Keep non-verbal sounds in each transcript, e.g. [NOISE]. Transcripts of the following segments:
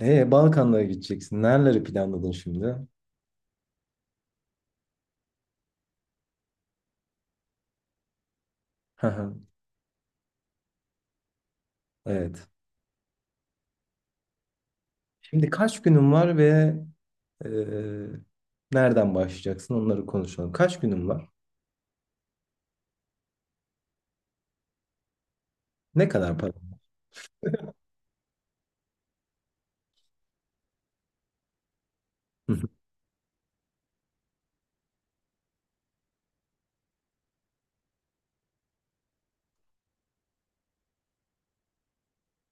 Balkanlara gideceksin. Nereleri planladın şimdi? Hı hı. Evet. Şimdi kaç günün var ve e, nereden başlayacaksın? Onları konuşalım. Kaç günün var? Ne kadar para? Hı hı.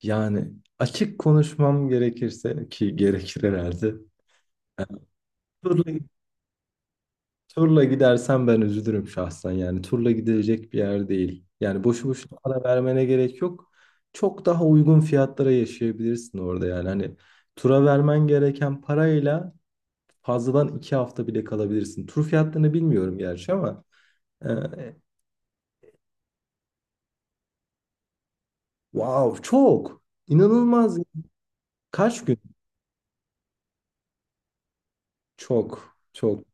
Yani açık konuşmam gerekirse ki gerekir herhalde. Yani turla, turla gidersen ben üzülürüm şahsen. Yani turla gidilecek bir yer değil. Yani boşu boşuna para vermene gerek yok. Çok daha uygun fiyatlara yaşayabilirsin orada yani. Hani tura vermen gereken parayla fazladan iki hafta bile kalabilirsin. Tur fiyatlarını bilmiyorum gerçi ama e, wow, çok inanılmaz. Kaç gün? Çok çok.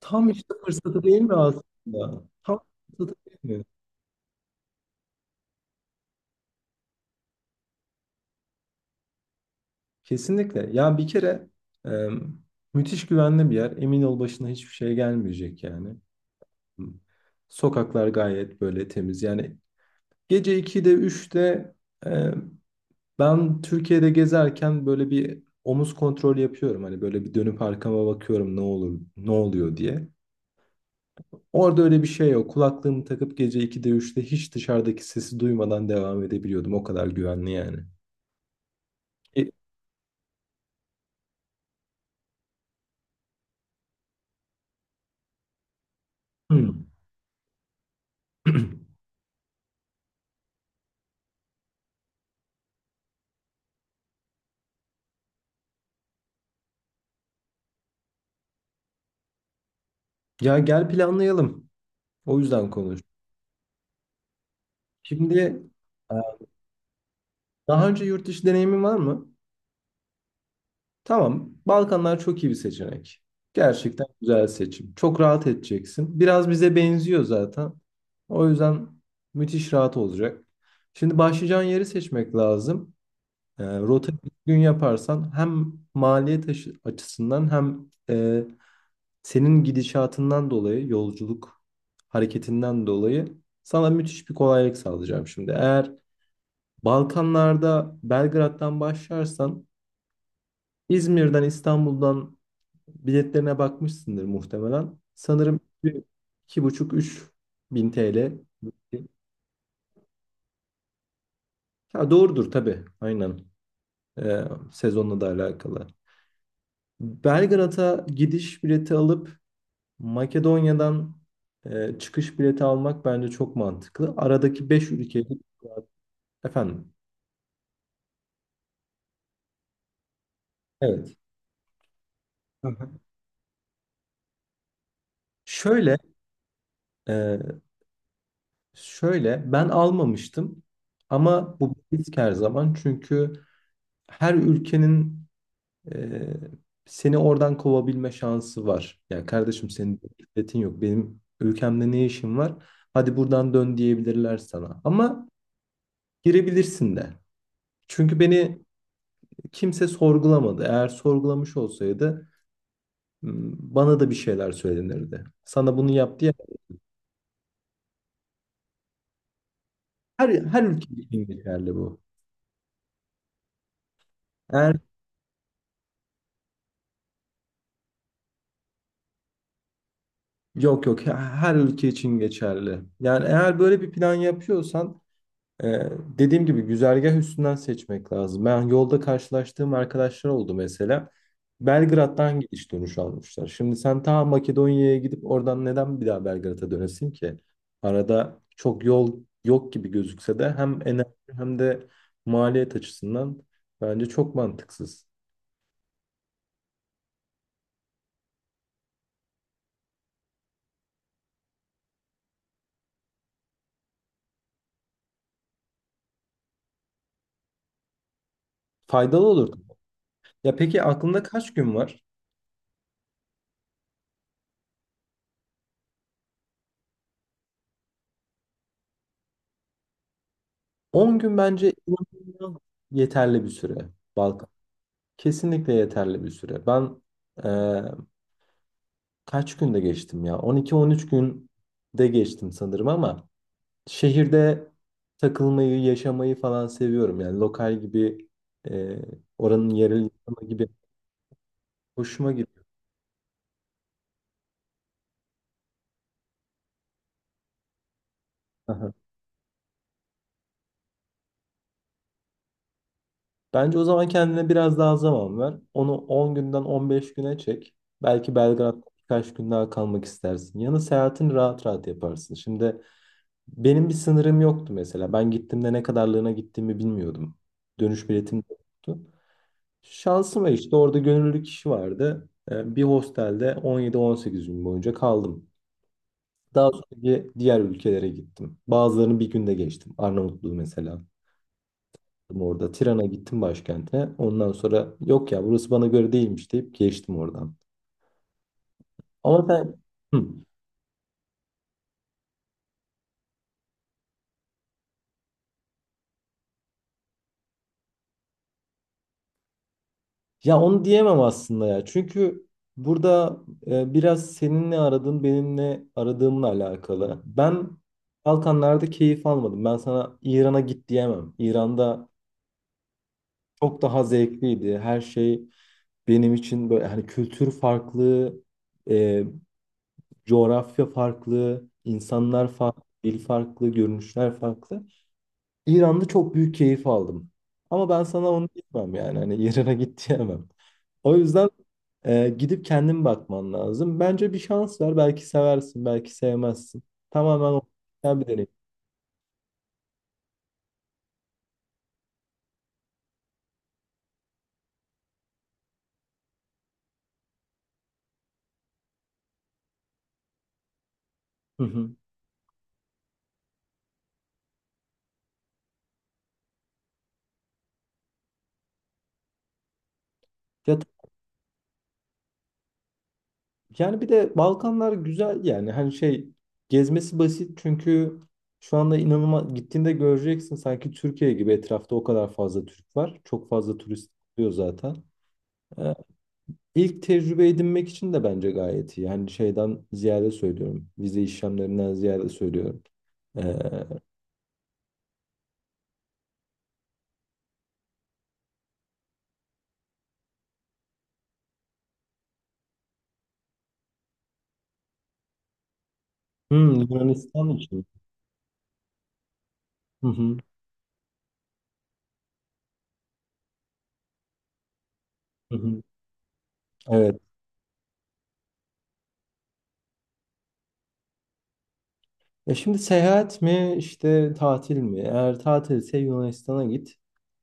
Tam işte fırsatı değil mi aslında? Tam fırsatı değil mi? Kesinlikle. Ya bir kere e, müthiş güvenli bir yer. Emin ol başına hiçbir şey gelmeyecek yani. Sokaklar gayet böyle temiz. Yani gece 2'de 3'te, ben Türkiye'de gezerken böyle bir omuz kontrolü yapıyorum. Hani böyle bir dönüp arkama bakıyorum ne olur, ne oluyor diye. Orada öyle bir şey yok. Kulaklığımı takıp gece 2'de üçte hiç dışarıdaki sesi duymadan devam edebiliyordum. O kadar güvenli yani. E, hmm. [CLEARS THROAT] Ya gel planlayalım. O yüzden konuş. Şimdi e, daha önce yurt dışı deneyimin var mı? Tamam, Balkanlar çok iyi bir seçenek. Gerçekten güzel seçim. Çok rahat edeceksin. Biraz bize benziyor zaten. O yüzden müthiş rahat olacak. Şimdi başlayacağın yeri seçmek lazım. E, rota gün yaparsan hem maliyet açısından hem senin gidişatından dolayı, yolculuk hareketinden dolayı sana müthiş bir kolaylık sağlayacağım şimdi. Eğer Balkanlarda Belgrad'dan başlarsan, İzmir'den, İstanbul'dan, biletlerine bakmışsındır muhtemelen. Sanırım iki buçuk 3 bin TL. Ha, doğrudur tabii. Aynen. Ee, sezonla da alakalı. Belgrad'a gidiş bileti alıp Makedonya'dan çıkış bileti almak bence çok mantıklı. Aradaki 5 ülkeyi efendim. Evet. Hı hı. Şöyle e, şöyle ben almamıştım ama bu bir risk her zaman, çünkü her ülkenin Ee, seni oradan kovabilme şansı var. Yani kardeşim senin devletin yok. Benim ülkemde ne işin var? Hadi buradan dön diyebilirler sana. Ama girebilirsin de. Çünkü beni kimse sorgulamadı. Eğer sorgulamış olsaydı m, bana da bir şeyler söylenirdi. Sana bunu yap diye. Her ülke için geçerli bu. Eğer, yok yok, her ülke için geçerli. Yani eğer böyle bir plan yapıyorsan, Ee, dediğim gibi güzergah üstünden seçmek lazım. Ben yolda karşılaştığım arkadaşlar oldu mesela. Belgrad'dan gidiş dönüş almışlar. Şimdi sen ta Makedonya'ya gidip oradan neden bir daha Belgrad'a dönesin ki? Arada çok yol yok gibi gözükse de hem enerji hem de maliyet açısından bence çok mantıksız. Faydalı olur. Ya peki aklında kaç gün var? 10 gün bence inanılmaz yeterli bir süre. Balkan. Kesinlikle yeterli bir süre. Ben kaç günde geçtim ya? 12-13 günde geçtim sanırım ama şehirde takılmayı, yaşamayı falan seviyorum. Yani lokal gibi, e, oranın yerel insanı gibi hoşuma gidiyor. Aha. Bence o zaman kendine biraz daha zaman ver. Onu 10 günden 15 güne çek. Belki Belgrad'da birkaç gün daha kalmak istersin. Yanı seyahatini rahat rahat yaparsın. Şimdi benim bir sınırım yoktu mesela. Ben gittiğimde ne kadarlığına gittiğimi bilmiyordum. Dönüş biletim de yoktu. Şansıma işte orada gönüllü kişi vardı. Bir hostelde 17-18 gün boyunca kaldım. Daha sonra diğer ülkelere gittim. Bazılarını bir günde geçtim. Arnavutluğu mesela. Orada Tiran'a gittim, başkente. Ondan sonra yok ya, burası bana göre değilmiş deyip geçtim oradan. Ama ben. Hı. Ya onu diyemem aslında ya. Çünkü burada biraz senin ne aradığın benim ne aradığımla alakalı. Ben Balkanlarda keyif almadım. Ben sana İran'a git diyemem. İran'da çok daha zevkliydi. Her şey benim için böyle, hani kültür farklı, e, coğrafya farklı, insanlar farklı, dil farklı, görünüşler farklı. İran'da çok büyük keyif aldım. Ama ben sana onu diyemem yani. Hani İran'a [LAUGHS] git diyemem. O yüzden gidip kendin bakman lazım. Bence bir şans ver. Belki seversin, belki sevmezsin. Tamamen o. Sen bir deneyim. Hı hı. Ya, yani bir de Balkanlar güzel yani, hani şey, gezmesi basit çünkü şu anda inanılmaz, gittiğinde göreceksin sanki Türkiye gibi, etrafta o kadar fazla Türk var. Çok fazla turist oluyor zaten. Ee, İlk tecrübe edinmek için de bence gayet iyi. Yani şeyden ziyade söylüyorum. Vize işlemlerinden ziyade söylüyorum. Ee, hmm, Yunanistan için. Hı hı, hı hı. Evet. E şimdi seyahat mi işte tatil mi? Eğer tatilse Yunanistan'a git.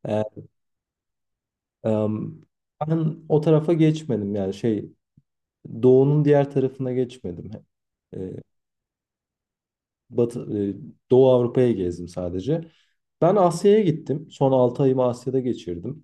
Ee, Em, ben o tarafa geçmedim yani şey, doğunun diğer tarafına geçmedim. E, Batı, e, Doğu Avrupa'ya gezdim sadece. Ben Asya'ya gittim. Son 6 ayımı Asya'da geçirdim.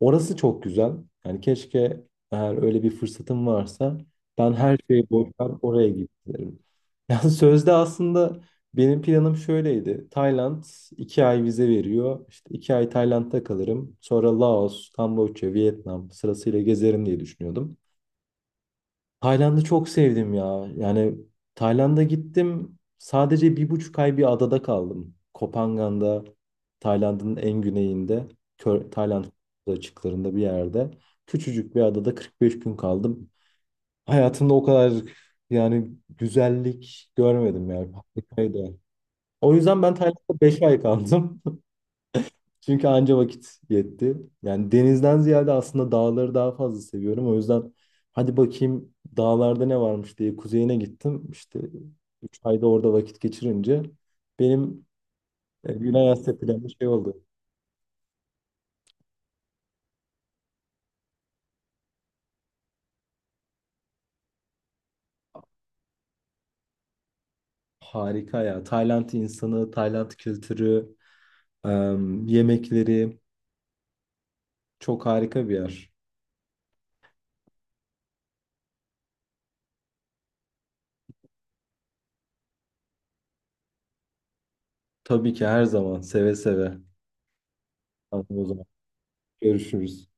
Orası çok güzel. Yani keşke eğer öyle bir fırsatım varsa ben her şeyi boşver oraya giderim. [LAUGHS] Yani sözde aslında benim planım şöyleydi. Tayland iki ay vize veriyor. İşte iki ay Tayland'da kalırım. Sonra Laos, Kamboçya, Vietnam sırasıyla gezerim diye düşünüyordum. Tayland'ı çok sevdim ya. Yani Tayland'a gittim. Sadece bir buçuk ay bir adada kaldım. Koh Phangan'da, Tayland'ın en güneyinde, Tayland açıklarında bir yerde. Küçücük bir adada 45 gün kaldım. Hayatımda o kadar, yani, güzellik görmedim yani. Harikaydı. O yüzden ben Tayland'da 5 ay kaldım. Çünkü anca vakit yetti. Yani denizden ziyade aslında dağları daha fazla seviyorum. O yüzden hadi bakayım dağlarda ne varmış diye kuzeyine gittim. İşte 3 ayda orada vakit geçirince benim Güney Asya planı şey oldu. Harika ya. Tayland insanı, Tayland kültürü, em, yemekleri çok harika bir yer. Tabii ki her zaman seve seve. Tamam o zaman görüşürüz.